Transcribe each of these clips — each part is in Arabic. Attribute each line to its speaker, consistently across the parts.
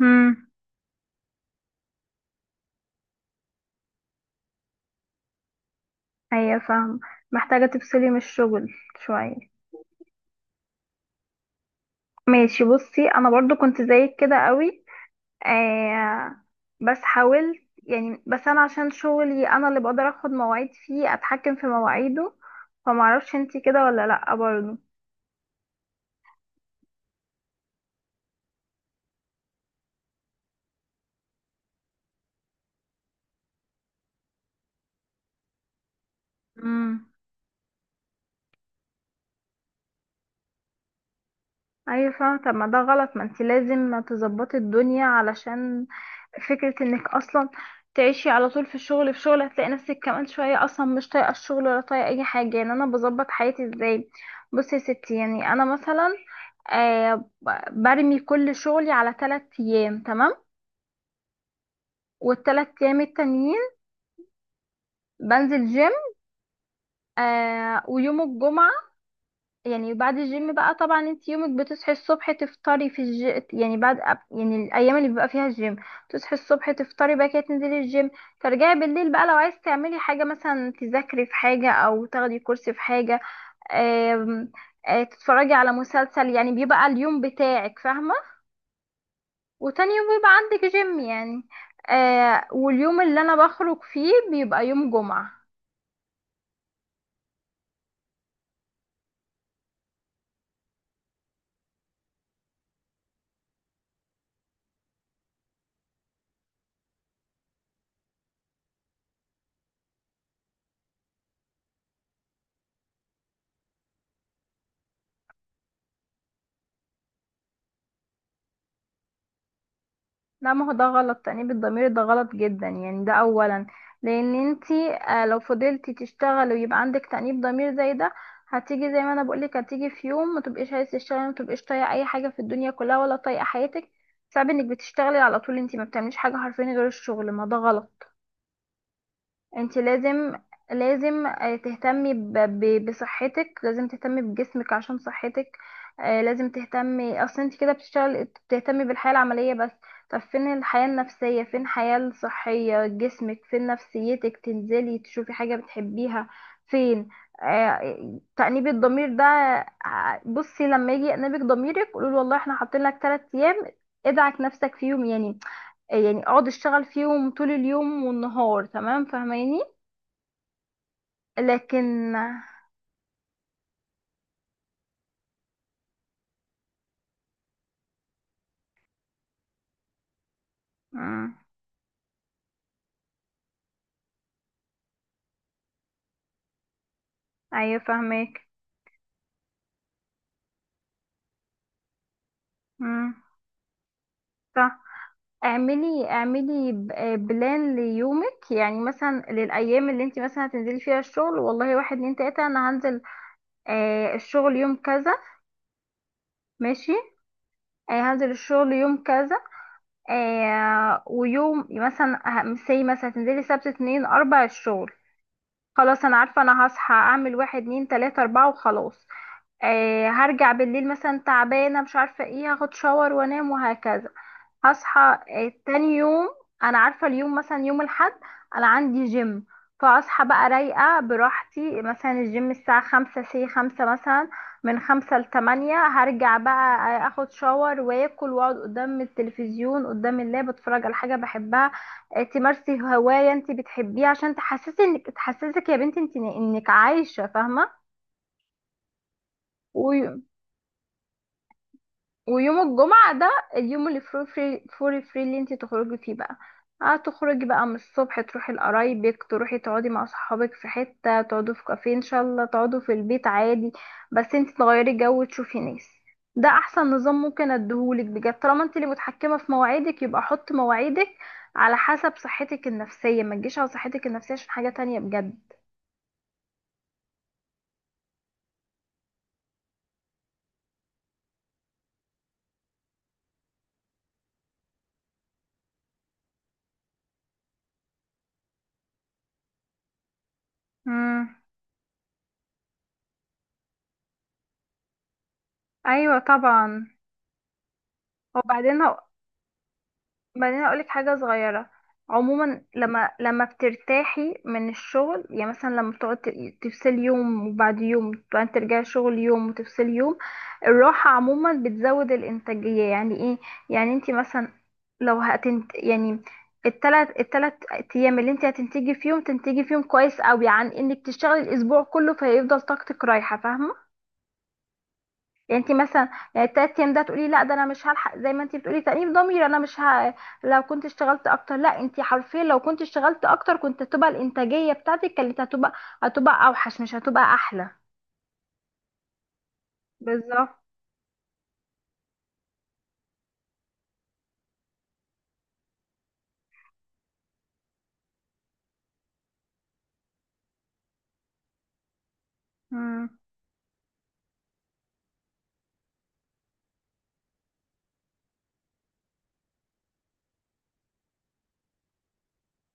Speaker 1: امم. ايوه، فاهمة. محتاجة تفصلي من الشغل شوية. ماشي، بصي، انا برضو كنت زيك كده قوي. آه، بس حاولت يعني، بس انا عشان شغلي انا اللي بقدر اخد مواعيد، فيه اتحكم في مواعيده، فمعرفش انتي كده ولا لأ برضو. امم. ايوه، فاهمة. طب ما ده غلط، ما انت لازم تظبطي الدنيا علشان فكرة انك اصلا تعيشي على طول في الشغل، في شغل هتلاقي نفسك كمان شوية اصلا مش طايقة الشغل ولا طايقة اي حاجة، يعني انا بظبط حياتي ازاي؟ بصي يا ستي، يعني انا مثلا آه برمي كل شغلي على 3 ايام، تمام. والتلات ايام التانيين بنزل جيم، ويوم الجمعة. يعني بعد الجيم بقى، طبعا انت يومك بتصحي الصبح تفطري في الج... يعني بعد يعني الايام اللي بيبقى فيها الجيم تصحي الصبح، تفطري بقى كده، تنزلي الجيم، ترجعي بالليل بقى، لو عايز تعملي حاجة مثلا تذاكري في حاجة او تاخدي كورس في حاجة، آم... آه، تتفرجي على مسلسل، يعني بيبقى اليوم بتاعك، فاهمة. وتاني يوم بيبقى عندك جيم، يعني واليوم اللي انا بخرج فيه بيبقى يوم جمعة. لا، ما هو ده غلط، تأنيب الضمير ده غلط جدا، يعني ده اولا لان انتي، لو فضلتي تشتغلي ويبقى عندك تأنيب ضمير زي ده، هتيجي زي ما انا بقولك، هتيجي في يوم ما تبقيش عايزه تشتغلي، ما تبقيش طايقه اي حاجه في الدنيا كلها ولا طايقه حياتك. صعب انك بتشتغلي على طول، انتي ما بتعمليش حاجه حرفيا غير الشغل، ما ده غلط. انت لازم، لازم تهتمي بصحتك، لازم تهتمي بجسمك عشان صحتك. لازم تهتمي، اصل انت كده بتشتغل بتهتمي بالحياة العملية بس، طب فين الحياة النفسية؟ فين الحياة الصحية؟ جسمك، فين نفسيتك تنزلي تشوفي حاجة بتحبيها؟ فين تأنيب الضمير ده؟ بصي، لما يجي يأنبك ضميرك قولوا والله احنا حاطين لك 3 ايام ادعك نفسك فيهم، يعني يعني اقعد اشتغل فيهم طول اليوم والنهار، تمام، فاهماني؟ لكن. مم. ايوه، فاهمك. مم. صح. اعملي بلان ليومك، يعني مثلا للايام اللي انت مثلا هتنزلي فيها الشغل، والله واحد اتنين تلاته، انا هنزل الشغل يوم كذا، ماشي. هنزل الشغل يوم كذا. ويوم مثلا سي مثلا تنزلي سبت، اتنين، اربع الشغل. خلاص، انا عارفه انا هصحى اعمل واحد اتنين تلاته اربعه وخلاص. هرجع بالليل مثلا تعبانه مش عارفه ايه، هاخد شاور وانام وهكذا. هصحى تاني يوم، انا عارفه اليوم مثلا يوم الاحد انا عندي جيم، فاصحى بقى رايقه براحتي، مثلا الجيم الساعه خمسة مثلا، من خمسة لتمانية هرجع بقى، اخد شاور واكل واقعد قدام التلفزيون، قدام اللاب، اتفرج على حاجه بحبها. تمارسي هوايه انت بتحبيها عشان تحسسي انك، تحسسك يا بنتي انت انك عايشه، فاهمه. و- ويوم الجمعة ده، اليوم اللي فري اللي انت تخرجي فيه بقى، هتخرجي بقى من الصبح تروحي لقرايبك، تروحي تقعدي مع صحابك في حتة، تقعدوا في كافيه ان شاء الله، تقعدوا في البيت عادي، بس انت تغيري جو، تشوفي ناس. ده احسن نظام ممكن اديهولك بجد، طالما انت اللي متحكمة في مواعيدك يبقى حط مواعيدك على حسب صحتك النفسية، ما تجيش على صحتك النفسية عشان حاجة تانية بجد. امم. ايوه، طبعا. وبعدين، اقول لك حاجه صغيره. عموما لما بترتاحي من الشغل، يعني مثلا لما بتقعد تفصلي يوم وبعد يوم، بعدين ترجعي شغل يوم وتفصلي يوم، الراحه عموما بتزود الانتاجيه. يعني ايه؟ يعني انت مثلا، لو هتنت يعني، التلات ايام اللي انت هتنتجي فيهم تنتجي فيهم كويس قوي عن انك تشتغلي الاسبوع كله فيفضل طاقتك رايحه، فاهمه. يعني انت مثلا، يعني التلات ايام ده تقولي، لا ده انا مش هلحق زي ما انت بتقولي تأنيب ضمير، انا مش لو كنت اشتغلت اكتر، لا، انت حرفيا لو كنت اشتغلت اكتر كنت هتبقى الانتاجية بتاعتك كانت هتبقى اوحش، مش هتبقى احلى. بالظبط. امم،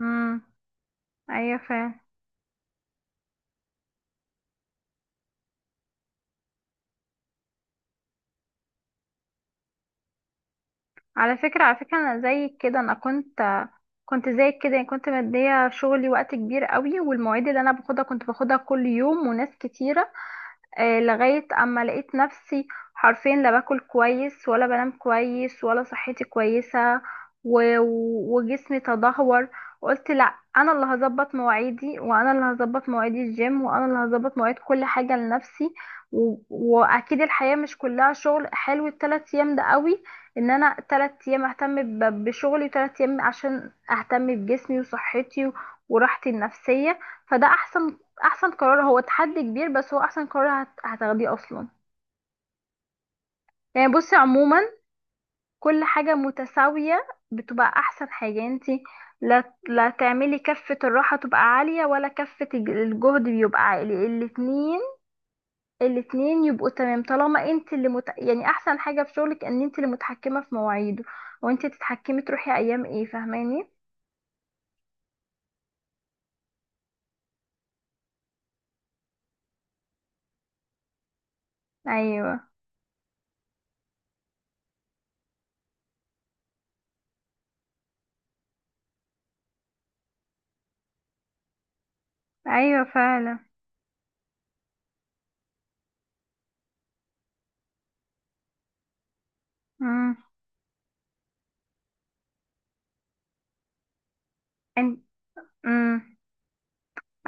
Speaker 1: امم. ايوه، فاهم. على فكرة، انا زيك كده، انا كنت زيك كده، يعني كنت مدية شغلي وقت كبير قوي، والمواعيد اللي انا باخدها كنت باخدها كل يوم وناس كتيرة، لغاية اما لقيت نفسي حرفيا لا باكل كويس ولا بنام كويس ولا صحتي كويسة وجسمي تدهور. قلت لا، انا اللي هظبط مواعيدي وانا اللي هظبط مواعيد الجيم وانا اللي هظبط مواعيد كل حاجة لنفسي، واكيد الحياة مش كلها شغل، حلو التلات ايام ده قوي، ان انا 3 ايام اهتم بشغلي، وتلات ايام عشان اهتم بجسمي وصحتي، وراحتي النفسية، فده احسن قرار. هو تحدي كبير بس هو احسن قرار هتاخديه اصلا. يعني بصي عموما، كل حاجة متساوية بتبقى احسن حاجة، يعني انتي، لا لا تعملي كفة الراحة تبقى عالية ولا كفة الجهد بيبقى عالي، الاتنين يبقوا تمام، طالما انت اللي يعني احسن حاجة في شغلك ان انت اللي متحكمة في مواعيده، وانت تتحكمي تروحي ايام ايه، فاهماني؟ ايوه، ايوه، فعلا. امم. أن- امم.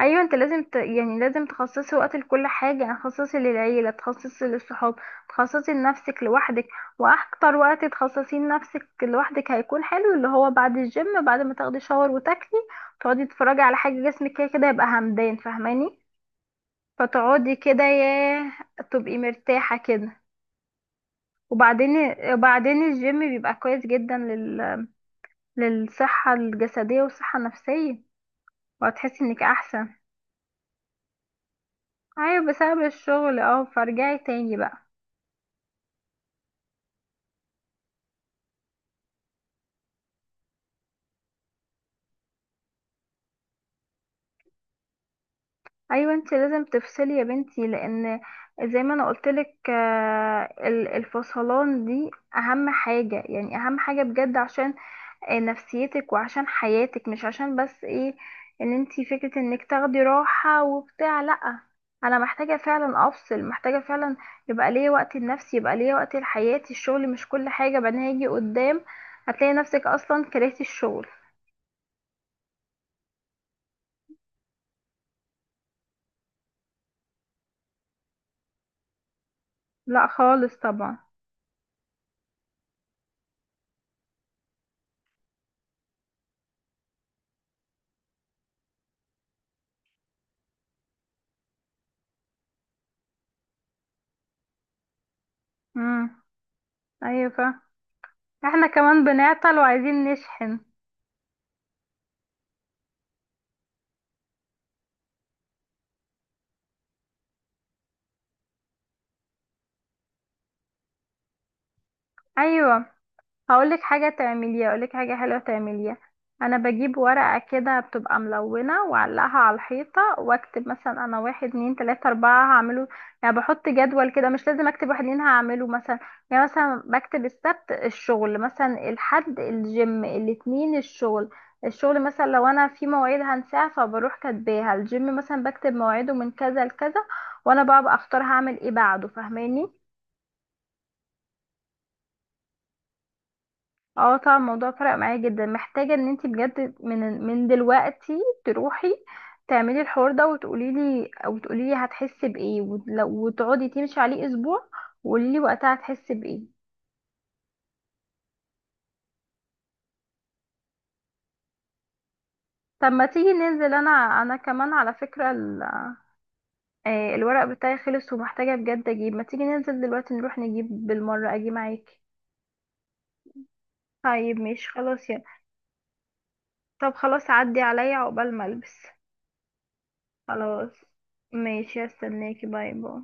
Speaker 1: ايوه، انت لازم يعني لازم تخصصي وقت لكل حاجه، يعني تخصصي للعيله، تخصصي للصحاب، تخصصي لنفسك لوحدك، واكتر وقت تخصصيه لنفسك لوحدك هيكون حلو، اللي هو بعد الجيم بعد ما تاخدي شاور وتاكلي، تقعدي تتفرجي على حاجه، جسمك كده كده يبقى همدان، فاهماني؟ فتقعدي كده ياه، تبقي مرتاحه كده. وبعدين، الجيم بيبقى كويس جدا للصحه الجسديه والصحه النفسيه، وهتحسي انك احسن. ايوه، بسبب الشغل، اه، فارجعي تاني بقى. ايوه، انت لازم تفصلي يا بنتي، لان زي ما انا قلتلك الفصلان دي اهم حاجة، يعني اهم حاجة بجد، عشان نفسيتك وعشان حياتك، مش عشان بس ايه، ان انت فكرة انك تاخدي راحة وبتاع، لا، انا محتاجة فعلا افصل، محتاجة فعلا يبقى ليا وقت لنفسي، يبقى ليا وقت لحياتي. الشغل مش كل حاجة، بعدين هيجي قدام هتلاقي نفسك اصلا كرهتي الشغل. لا، خالص طبعا. امم. ايوه، احنا كمان بنعطل وعايزين نشحن. ايوه، هقولك حاجه حلوه تعمليها. انا بجيب ورقه كده بتبقى ملونه، واعلقها على الحيطه، واكتب مثلا انا واحد اتنين تلاته اربعه هعمله، يعني بحط جدول كده، مش لازم اكتب واحد اتنين هعمله مثلا. يعني مثلا بكتب السبت الشغل، مثلا الحد الجيم، الاتنين الشغل مثلا لو انا في مواعيد هنساها فبروح كاتباها، الجيم مثلا بكتب مواعيده من كذا لكذا، وانا بقى بختار هعمل ايه بعده، فاهماني؟ اه، طبعا الموضوع فرق معايا جدا، محتاجة ان انتي بجد من دلوقتي تروحي تعملي الحوار ده وتقولي لي او تقولي لي هتحسي بايه، وتقعدي تمشي عليه اسبوع وقولي لي وقتها هتحسي بايه. طب ما تيجي ننزل، انا كمان على فكرة الورق بتاعي خلص ومحتاجة بجد اجيب، ما تيجي ننزل دلوقتي نروح نجيب بالمرة، اجي معاكي. طيب ماشي خلاص، يلا. طب خلاص عدي عليا عقبال ما البس. خلاص، ماشي، استناكي، باي باي.